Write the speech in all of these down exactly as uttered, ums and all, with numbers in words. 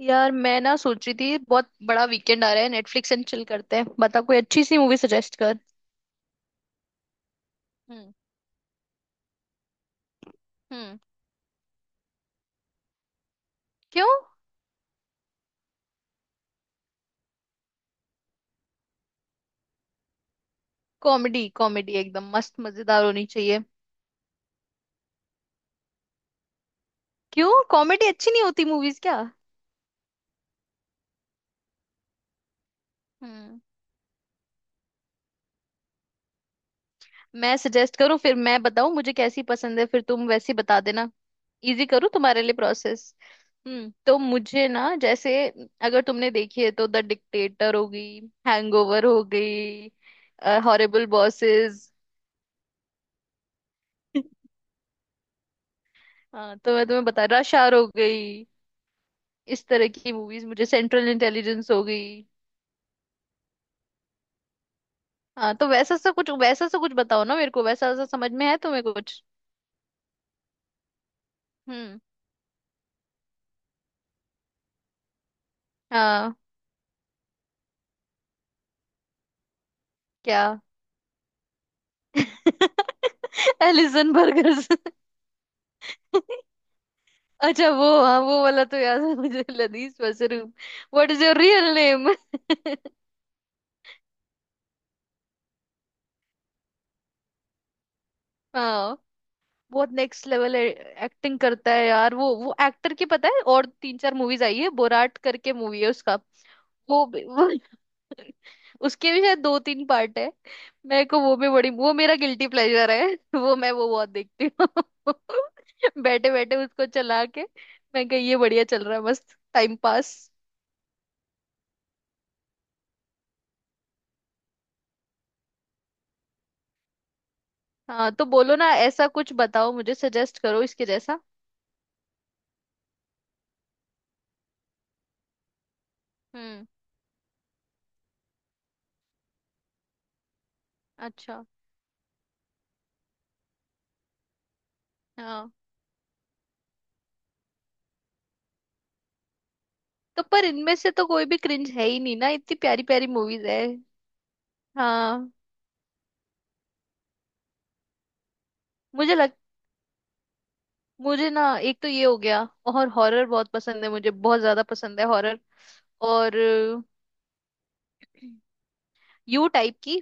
यार, मैं ना सोच रही थी बहुत बड़ा वीकेंड आ रहा है। नेटफ्लिक्स एंड चिल करते हैं। बता कोई अच्छी सी मूवी सजेस्ट कर। हम्म। हम्म। क्यों? कॉमेडी कॉमेडी एकदम मस्त मजेदार होनी चाहिए। क्यों, कॉमेडी अच्छी नहीं होती मूवीज क्या? हम्म। मैं सजेस्ट करूँ फिर? मैं बताऊँ मुझे कैसी पसंद है, फिर तुम वैसी बता देना। इजी करूँ तुम्हारे लिए प्रोसेस। हम्म तो मुझे ना, जैसे, अगर तुमने देखी है, तो द डिक्टेटर हो गई, हैंगओवर हो गई, हॉरिबल बॉसेस। हाँ तो मैं तुम्हें बता, रश आवर हो गई, इस तरह की मूवीज मुझे, सेंट्रल इंटेलिजेंस हो गई। हाँ तो वैसा सा कुछ, वैसा सा कुछ बताओ ना मेरे को। वैसा सा समझ में है तुम्हें कुछ? हम्म। हाँ। क्या? Allison burgers. अच्छा वो, हाँ, वो वाला तो याद है मुझे, लदीज मशरूम। What is your real name? हाँ, बहुत नेक्स्ट लेवल एक्टिंग करता है यार वो वो एक्टर की पता है, और तीन चार मूवीज आई है, बोराट करके मूवी है उसका। वो, भी- उसके भी शायद दो तीन पार्ट है। मेरे को वो भी बड़ी वो, मेरा गिल्टी प्लेजर है। वो मैं वो बहुत देखती हूँ। बैठे बैठे उसको चला के, मैं कही ये बढ़िया चल रहा है, मस्त टाइम पास। हाँ तो बोलो ना, ऐसा कुछ बताओ मुझे, सजेस्ट करो इसके जैसा। हम्म। अच्छा। हाँ। तो पर इनमें से तो कोई भी क्रिंज है ही नहीं ना, इतनी प्यारी प्यारी मूवीज है। हाँ। मुझे लग मुझे ना एक तो ये हो गया, और हॉरर बहुत पसंद है मुझे, बहुत ज्यादा पसंद है हॉरर। और यू टाइप की,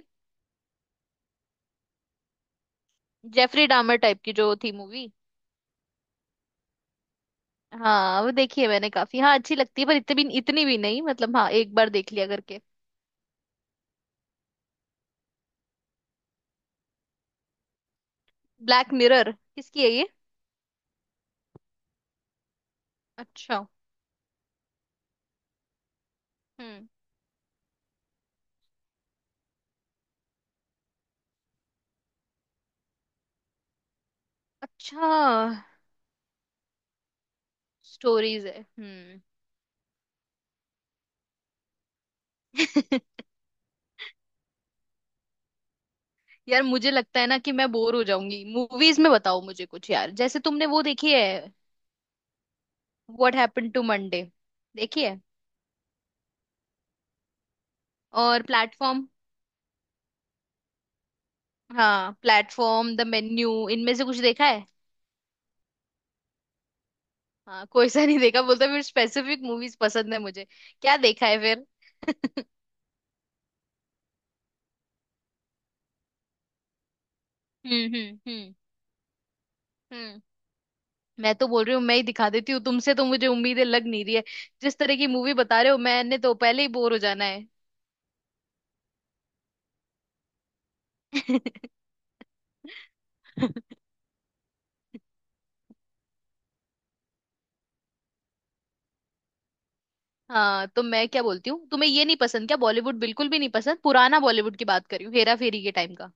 जेफरी डामर टाइप की जो थी मूवी। हाँ वो देखी है मैंने काफी, हाँ अच्छी लगती है पर इतनी भी इतनी भी नहीं मतलब, हाँ एक बार देख लिया करके। ब्लैक मिरर किसकी है ये? अच्छा। हम्म। अच्छा। स्टोरीज है। हम्म। यार मुझे लगता है ना कि मैं बोर हो जाऊंगी मूवीज में। बताओ मुझे कुछ यार, जैसे तुमने वो देखी है, व्हाट हैपेंड टू मंडे, देखी है? और प्लेटफॉर्म। हाँ, प्लेटफॉर्म, द मेन्यू, इनमें से कुछ देखा है? हाँ कोई सा नहीं देखा बोलता, फिर स्पेसिफिक मूवीज पसंद है मुझे। क्या देखा है फिर? हम्म। हम्म। हम्म। हम्म। मैं तो बोल रही हूँ, मैं ही दिखा देती हूँ, तुमसे तो मुझे उम्मीदें लग नहीं रही है। जिस तरह की मूवी बता रहे हो, मैंने तो पहले ही बोर हो जाना है। हाँ तो मैं क्या बोलती हूँ, तुम्हें ये नहीं पसंद क्या? बॉलीवुड बिल्कुल भी नहीं पसंद? पुराना बॉलीवुड की बात कर रही हूँ, हेरा फेरी के टाइम का।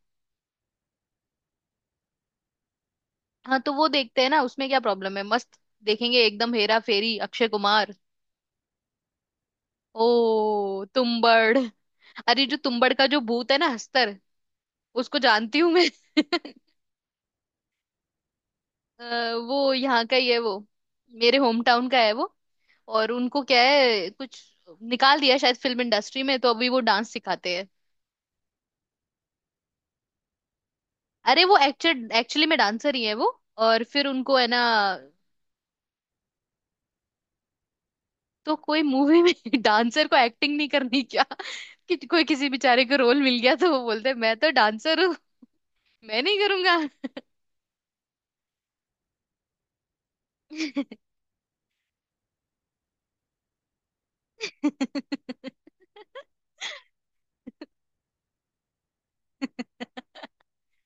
हाँ तो वो देखते हैं ना, उसमें क्या प्रॉब्लम है, मस्त देखेंगे एकदम, हेरा फेरी, अक्षय कुमार। ओ तुम्बड़। अरे जो तुम्बड़ का जो भूत है ना, हस्तर, उसको जानती हूँ मैं। अ, वो यहाँ का ही है वो, मेरे होम टाउन का है वो। और उनको क्या है कुछ, निकाल दिया शायद फिल्म इंडस्ट्री में, तो अभी वो डांस सिखाते हैं। अरे वो एक्चुअल एक्चुअली में डांसर ही है वो। और फिर उनको है ना, तो कोई मूवी में। डांसर को एक्टिंग नहीं करनी क्या? कि कोई किसी बेचारे को रोल मिल गया तो वो बोलते हैं मैं तो डांसर हूँ, मैं नहीं करूंगा।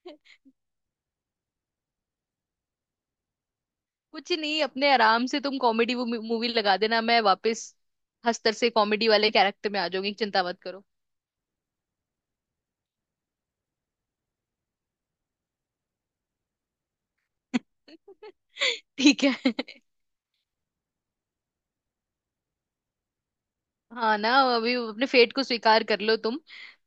कुछ नहीं, अपने आराम से तुम कॉमेडी मूवी लगा देना, मैं वापस हस्तर से कॉमेडी वाले कैरेक्टर में आ जाऊंगी, चिंता मत करो। ठीक है। हाँ ना। अभी अपने फेट को स्वीकार कर लो तुम।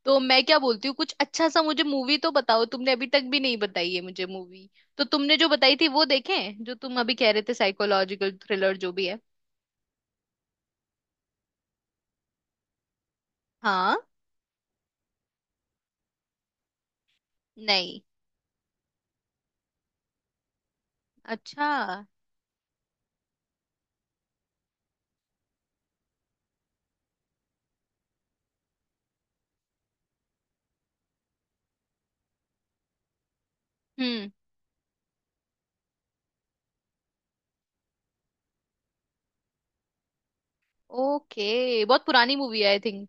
तो मैं क्या बोलती हूँ कुछ अच्छा सा, मुझे मूवी तो बताओ, तुमने अभी तक भी नहीं बताई है मुझे मूवी। तो तुमने जो बताई थी वो देखें, जो तुम अभी कह रहे थे, साइकोलॉजिकल थ्रिलर जो भी है। हाँ। नहीं। अच्छा। हम्म। ओके, बहुत पुरानी मूवी है आई थिंक।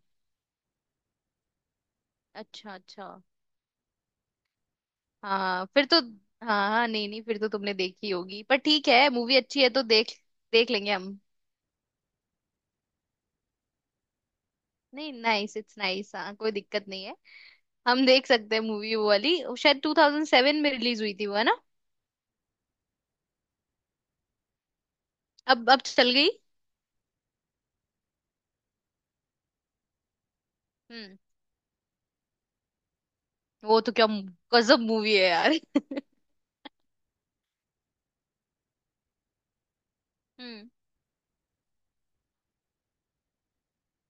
अच्छा अच्छा। हाँ फिर तो, हाँ हाँ, नहीं नहीं, फिर तो तुमने देखी होगी, पर ठीक है, मूवी अच्छी है तो देख, देख लेंगे हम। नहीं, नाइस, इट्स नाइस, हाँ कोई दिक्कत नहीं है। हम देख सकते हैं मूवी, वो वाली वो शायद टू थाउज़ेंड सेवन में रिलीज हुई थी वो, है ना? अब अब चल गई। हम्म। वो तो क्या मु- गजब मूवी है यार। हम्म।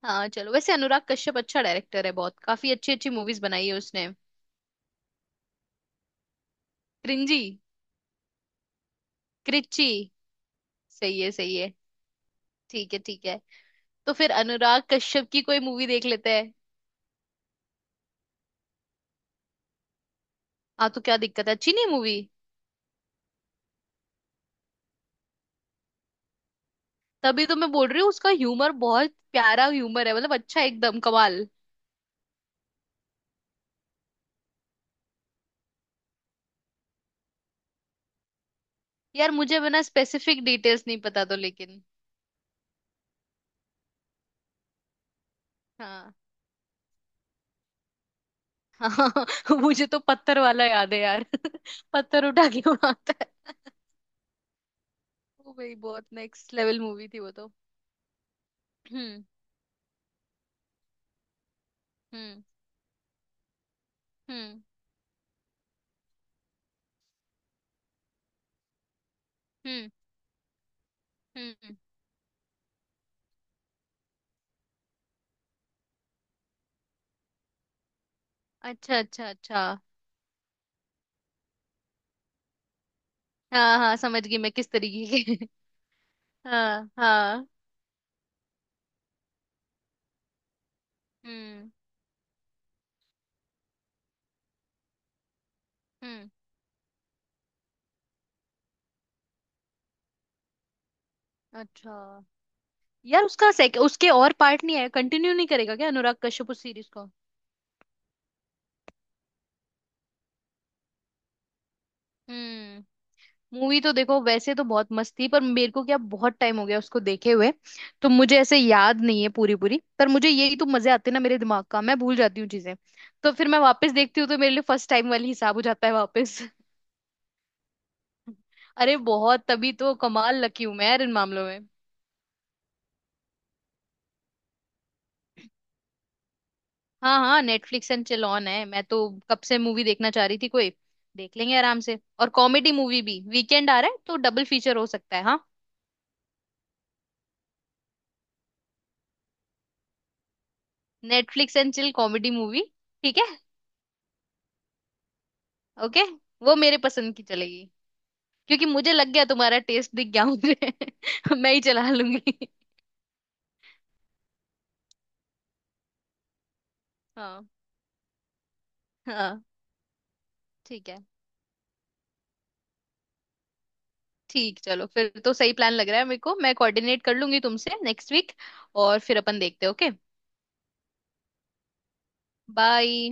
हाँ चलो, वैसे अनुराग कश्यप अच्छा डायरेक्टर है, बहुत काफी अच्छी अच्छी मूवीज बनाई है उसने। क्रिंजी। क्रिची। सही है सही है। ठीक है ठीक है। तो फिर अनुराग कश्यप की कोई मूवी देख लेते हैं। हाँ तो क्या दिक्कत है, अच्छी नहीं मूवी? तभी तो मैं बोल रही हूँ, उसका ह्यूमर बहुत प्यारा ह्यूमर है मतलब, अच्छा एकदम कमाल। यार मुझे बिना स्पेसिफिक डिटेल्स नहीं पता तो, लेकिन हाँ हाँ। मुझे तो पत्थर वाला याद है यार, पत्थर उठा के उड़ाता है। वो भाई बहुत नेक्स्ट लेवल मूवी थी वो तो। हम्म। हम्म। हम्म। हम्म। हम्म। अच्छा अच्छा अच्छा। हाँ हाँ, समझ गई मैं किस तरीके के। हाँ हाँ। हम्म। हम्म। अच्छा। यार उसका सेक उसके और पार्ट नहीं आया? कंटिन्यू नहीं करेगा क्या अनुराग कश्यप उस सीरीज को? हम्म। मूवी तो देखो वैसे तो बहुत मस्त थी, पर मेरे को क्या, बहुत टाइम हो गया उसको देखे हुए। तो मुझे ऐसे याद नहीं है पूरी पूरी, पर मुझे यही तो मजे आते हैं ना मेरे दिमाग का, मैं भूल जाती हूँ चीजें। तो फिर मैं वापस देखती हूँ तो मेरे लिए फर्स्ट टाइम वाली हिसाब हो जाता है वापस। अरे बहुत, तभी तो कमाल लकी हूँ मैं यार इन मामलों में। हाँ हाँ, नेटफ्लिक्स एंड चिल ऑन है मैं तो, कब से मूवी देखना चाह रही थी कोई। देख लेंगे आराम से, और कॉमेडी मूवी भी, वीकेंड आ रहा है तो डबल फीचर हो सकता है, हाँ। Netflix and chill comedy movie. ठीक है। ओके। वो मेरे पसंद की चलेगी, क्योंकि मुझे लग गया, तुम्हारा टेस्ट दिख गया मुझे। मैं ही चला लूंगी। हाँ। हाँ। ठीक है। ठीक, चलो फिर तो सही प्लान लग रहा है मेरे को, मैं कोऑर्डिनेट कर लूंगी तुमसे नेक्स्ट वीक, और फिर अपन देखते हैं। ओके। बाय।